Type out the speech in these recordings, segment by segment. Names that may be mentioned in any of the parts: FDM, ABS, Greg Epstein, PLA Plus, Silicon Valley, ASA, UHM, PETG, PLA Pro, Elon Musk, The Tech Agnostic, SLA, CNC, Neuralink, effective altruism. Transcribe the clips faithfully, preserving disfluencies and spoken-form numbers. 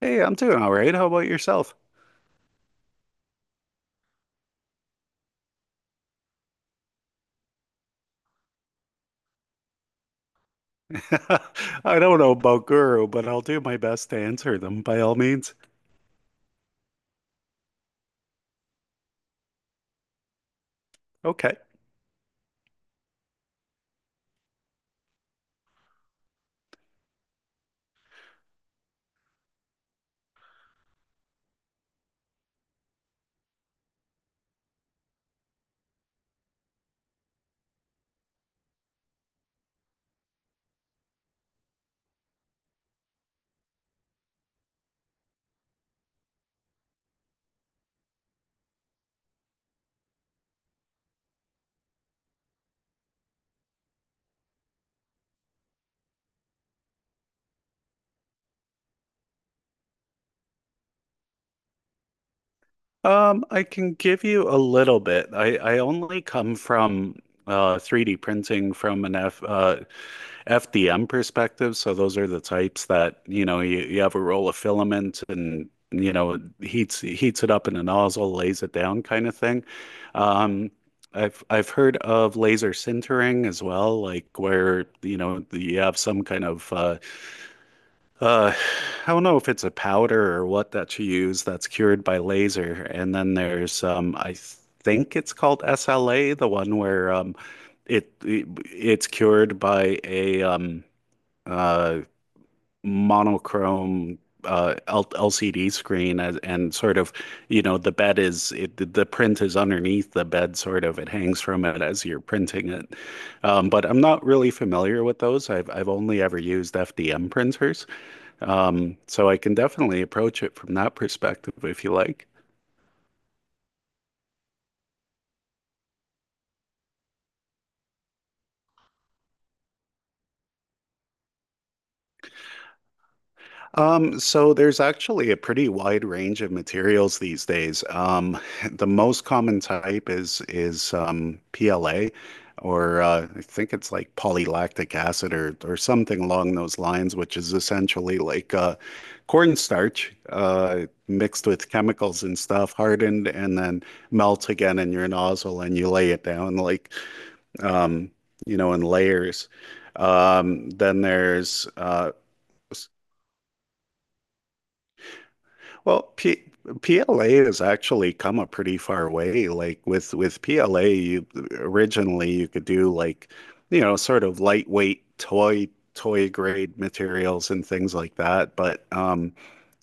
Hey, I'm doing all right. How about yourself? I don't know about Guru, but I'll do my best to answer them by all means. Okay. Um, I can give you a little bit. I, I only come from uh, three D printing from an F, uh, F D M perspective. So those are the types that, you know, you, you have a roll of filament and, you know, it heats heats it up in a nozzle, lays it down kind of thing. Um, I've I've heard of laser sintering as well, like where, you know, you have some kind of uh, uh, I don't know if it's a powder or what that you use that's cured by laser. And then there's um, I think it's called S L A, the one where um, it, it it's cured by a um uh monochrome uh L LCD screen, as, and sort of you know the bed is it the the print is underneath the bed, sort of it hangs from it as you're printing it. Um, but I'm not really familiar with those. I've I've only ever used F D M printers. Um, so I can definitely approach it from that perspective if you like. Um, so there's actually a pretty wide range of materials these days. Um, the most common type is is um, P L A, or uh, I think it's like polylactic acid or or something along those lines, which is essentially like uh, cornstarch uh, mixed with chemicals and stuff, hardened and then melt again in your nozzle, and you lay it down like. um, you know, in layers. Um, Then there's, uh, well, P PLA has actually come a pretty far way. Like with with P L A, you originally you could do like, you know, sort of lightweight toy toy grade materials and things like that. But um,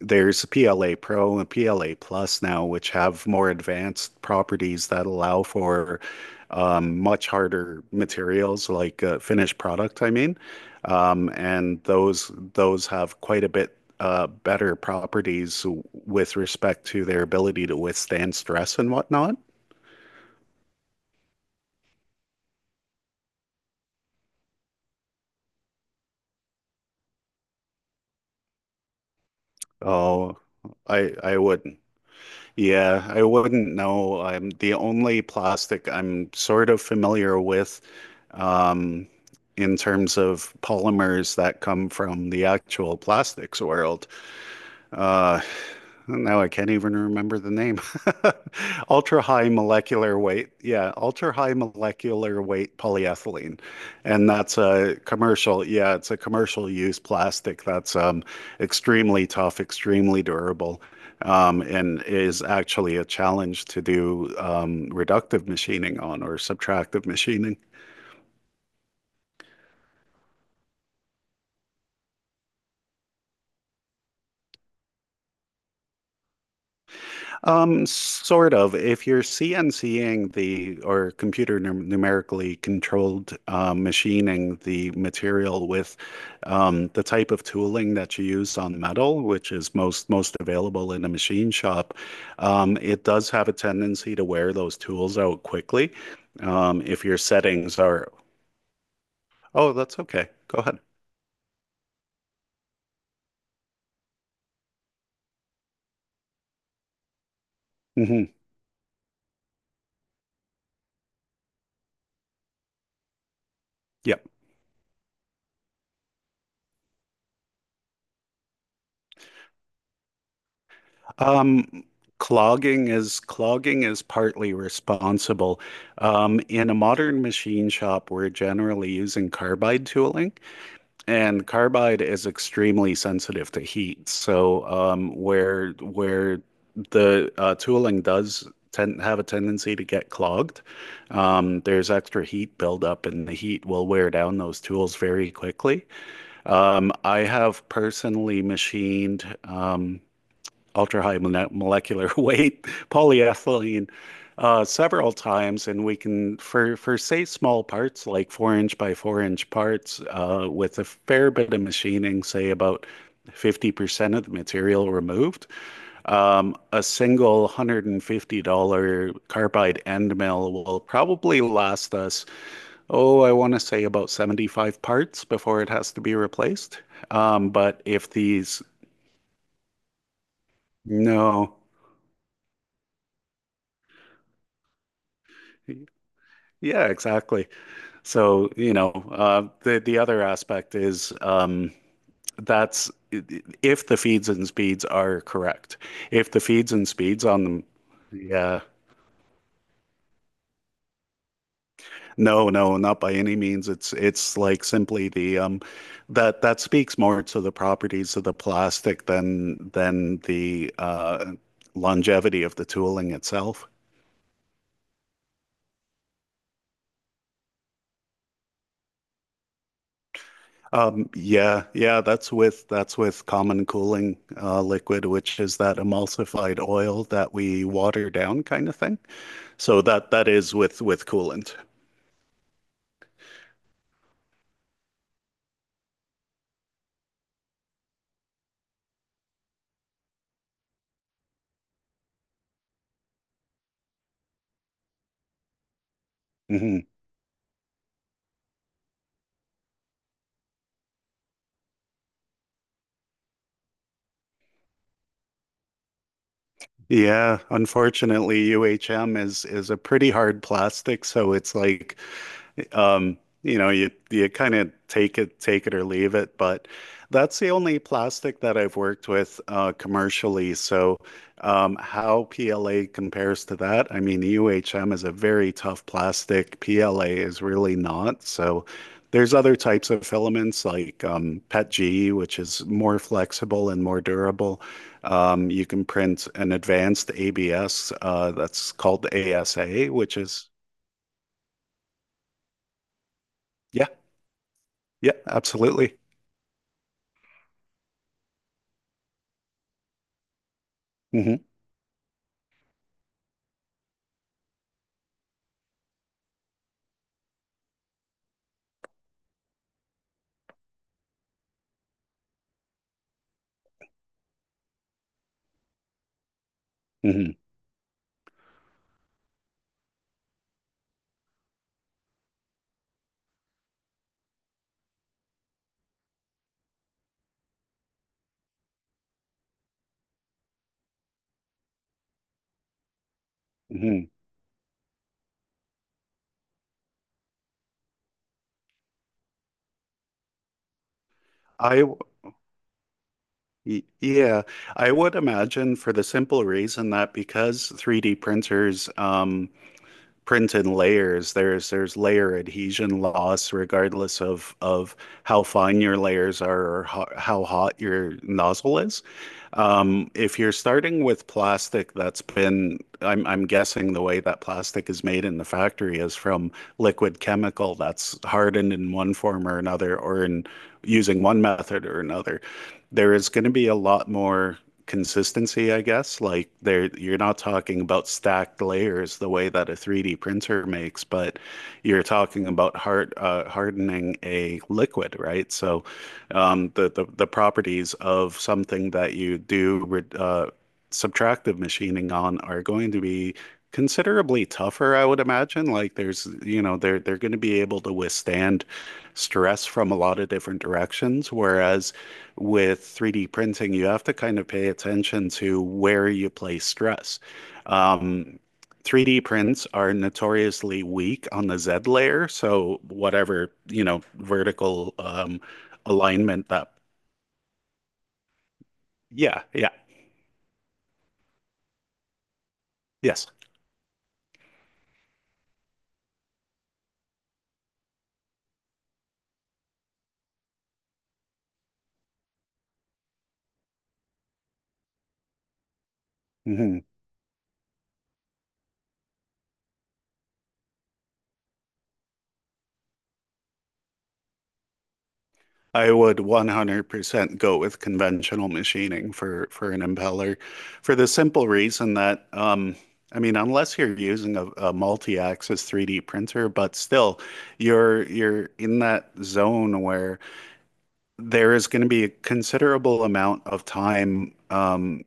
There's P L A Pro and P L A Plus now, which have more advanced properties that allow for um, much harder materials, like uh, finished product, I mean. Um, and those those have quite a bit uh, better properties with respect to their ability to withstand stress and whatnot. Oh, I I wouldn't. Yeah, I wouldn't know. Um, the only plastic I'm sort of familiar with, um, in terms of polymers that come from the actual plastics world, uh, now I can't even remember the name. Ultra high molecular weight. Yeah, ultra high molecular weight polyethylene. And that's a commercial, yeah, it's a commercial use plastic that's um, extremely tough, extremely durable, um, and is actually a challenge to do um, reductive machining on, or subtractive machining. Um, sort of. If you're CNCing the, or computer num numerically controlled uh, machining the material with um, the type of tooling that you use on metal, which is most most available in a machine shop, um, it does have a tendency to wear those tools out quickly. Um, if your settings are, Oh, that's okay. Go ahead. hmm Yeah. Um, clogging is Clogging is partly responsible. Um, in a modern machine shop, we're generally using carbide tooling, and carbide is extremely sensitive to heat. So, um, where where the uh, tooling does tend have a tendency to get clogged, um, there's extra heat buildup, and the heat will wear down those tools very quickly. Um, I have personally machined. Um, ultra-high molecular weight polyethylene uh, several times, and we can, for for say small parts, like four-inch by four-inch parts, uh, with a fair bit of machining, say about fifty percent of the material removed, um, a single one hundred fifty dollars carbide end mill will probably last us, oh, I want to say about seventy-five parts before it has to be replaced. Um, But if these, No, yeah, exactly. So, you know, uh, the the other aspect is um, that's if the feeds and speeds are correct. If the feeds and speeds on them, Yeah, no, no, not by any means. It's it's like simply the um, that that speaks more to the properties of the plastic than than the uh, longevity of the tooling itself. Um, Yeah, yeah, that's with that's with common cooling uh, liquid, which is that emulsified oil that we water down kind of thing. So that that is with with coolant. hmm Yeah, unfortunately, U H M is is a pretty hard plastic, so it's like Um, you know, you you kind of take it, take it or leave it, but that's the only plastic that I've worked with uh, commercially. So, um, how P L A compares to that? I mean, U H M is a very tough plastic. P L A is really not. So, there's other types of filaments like um, P E T G, which is more flexible and more durable. Um, you can print an advanced A B S uh, that's called ASA, which is yeah, yeah, absolutely. hmm hmm hmm I w- y- yeah, I would imagine for the simple reason that because three D printers um print in layers. There's there's layer adhesion loss regardless of of how fine your layers are or ho how hot your nozzle is. Um, if you're starting with plastic that's been, I'm I'm guessing the way that plastic is made in the factory is from liquid chemical that's hardened in one form or another, or in using one method or another. There is going to be a lot more consistency, I guess. Like there, you're not talking about stacked layers the way that a three D printer makes, but you're talking about hard uh, hardening a liquid, right? So, um, the, the the properties of something that you do uh, subtractive machining on are going to be considerably tougher, I would imagine. Like there's, you know, they're they're going to be able to withstand stress from a lot of different directions, whereas with three D printing, you have to kind of pay attention to where you place stress. Um, three D prints are notoriously weak on the Z layer, so whatever, you know, vertical um, alignment that. Yeah, yeah, yes. Mhm. I would one hundred percent go with conventional machining for for an impeller for the simple reason that um I mean unless you're using a, a multi-axis three D printer, but still you're you're in that zone where there is going to be a considerable amount of time um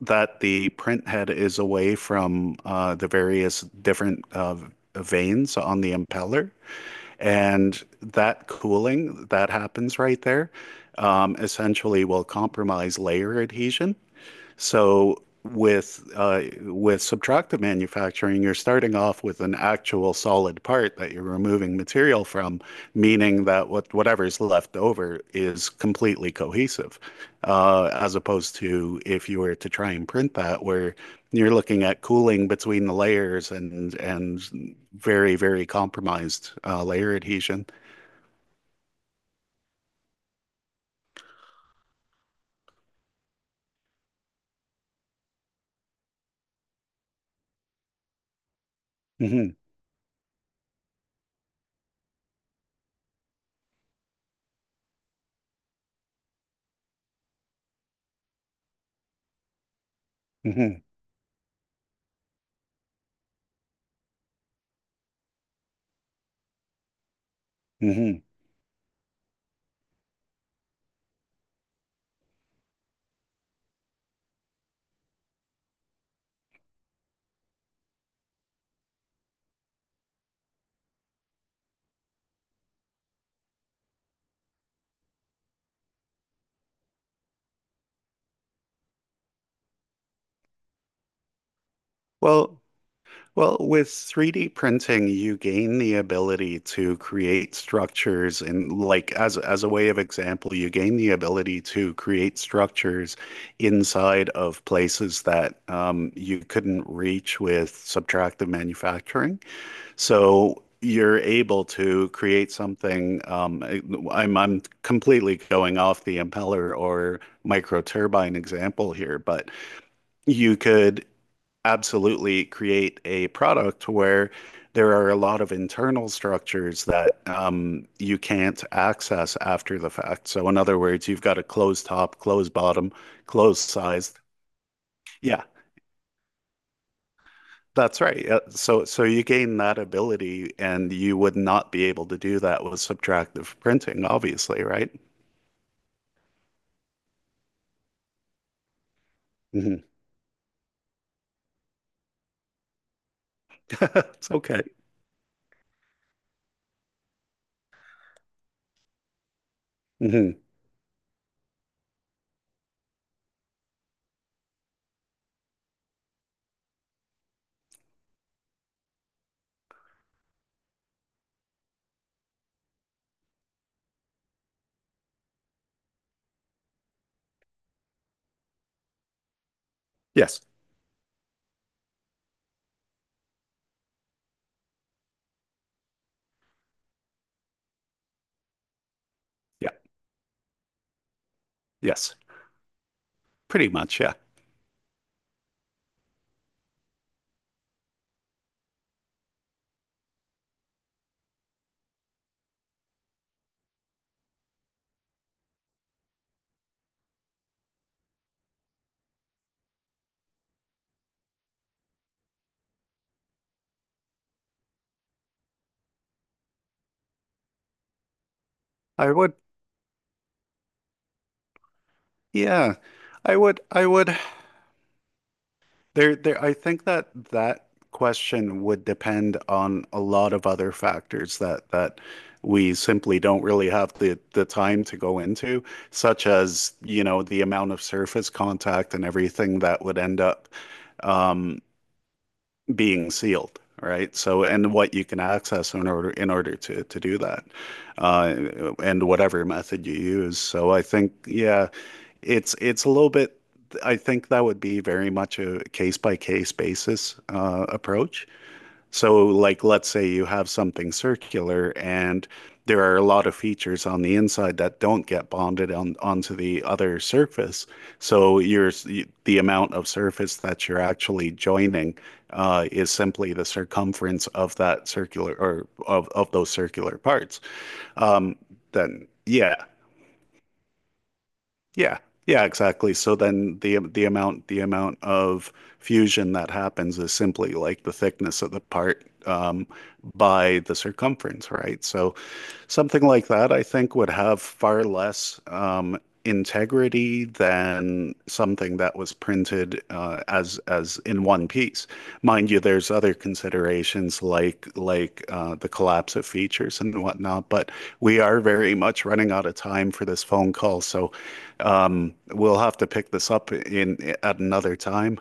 that the print head is away from uh, the various different uh, veins on the impeller. And that cooling that happens right there um, essentially will compromise layer adhesion. So with uh, with subtractive manufacturing, you're starting off with an actual solid part that you're removing material from, meaning that what whatever's left over is completely cohesive, uh, as opposed to if you were to try and print that, where you're looking at cooling between the layers and and very, very compromised uh, layer adhesion. hmm hmm hmm Well, Well, with three D printing, you gain the ability to create structures, and like as as a way of example, you gain the ability to create structures inside of places that um, you couldn't reach with subtractive manufacturing. So you're able to create something. Um, I'm I'm completely going off the impeller or microturbine example here, but you could absolutely create a product where there are a lot of internal structures that um, you can't access after the fact. So, in other words, you've got a closed top, closed bottom, closed size. Yeah, that's right. Uh, So, so you gain that ability, and you would not be able to do that with subtractive printing, obviously, right? hmm It's okay. hmm Yes. Yeah. Yes. Pretty much. Yeah. I would. Yeah. I would. I would There, there, I think that that question would depend on a lot of other factors that that we simply don't really have the the time to go into, such as, you know, the amount of surface contact and everything that would end up. um, Being sealed, right? So, and what you can access in order in order to to do that, uh, and whatever method you use. So, I think yeah, it's it's a little bit. I think that would be very much a case by case basis uh, approach. So, like, let's say you have something circular and there are a lot of features on the inside that don't get bonded on onto the other surface. So, your the amount of surface that you're actually joining uh, is simply the circumference of that circular or of, of those circular parts. Um, then, yeah. Yeah. Yeah, exactly. So then the the amount the amount of fusion that happens is simply like the thickness of the part um, by the circumference, right? So something like that, I think, would have far less um, integrity than something that was printed uh, as as in one piece. Mind you, there's other considerations like like uh, the collapse of features and whatnot, but we are very much running out of time for this phone call, so um, we'll have to pick this up in at another time.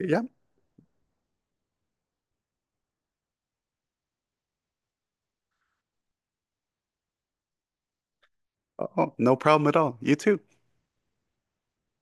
Yeah, oh, no problem at all. You too.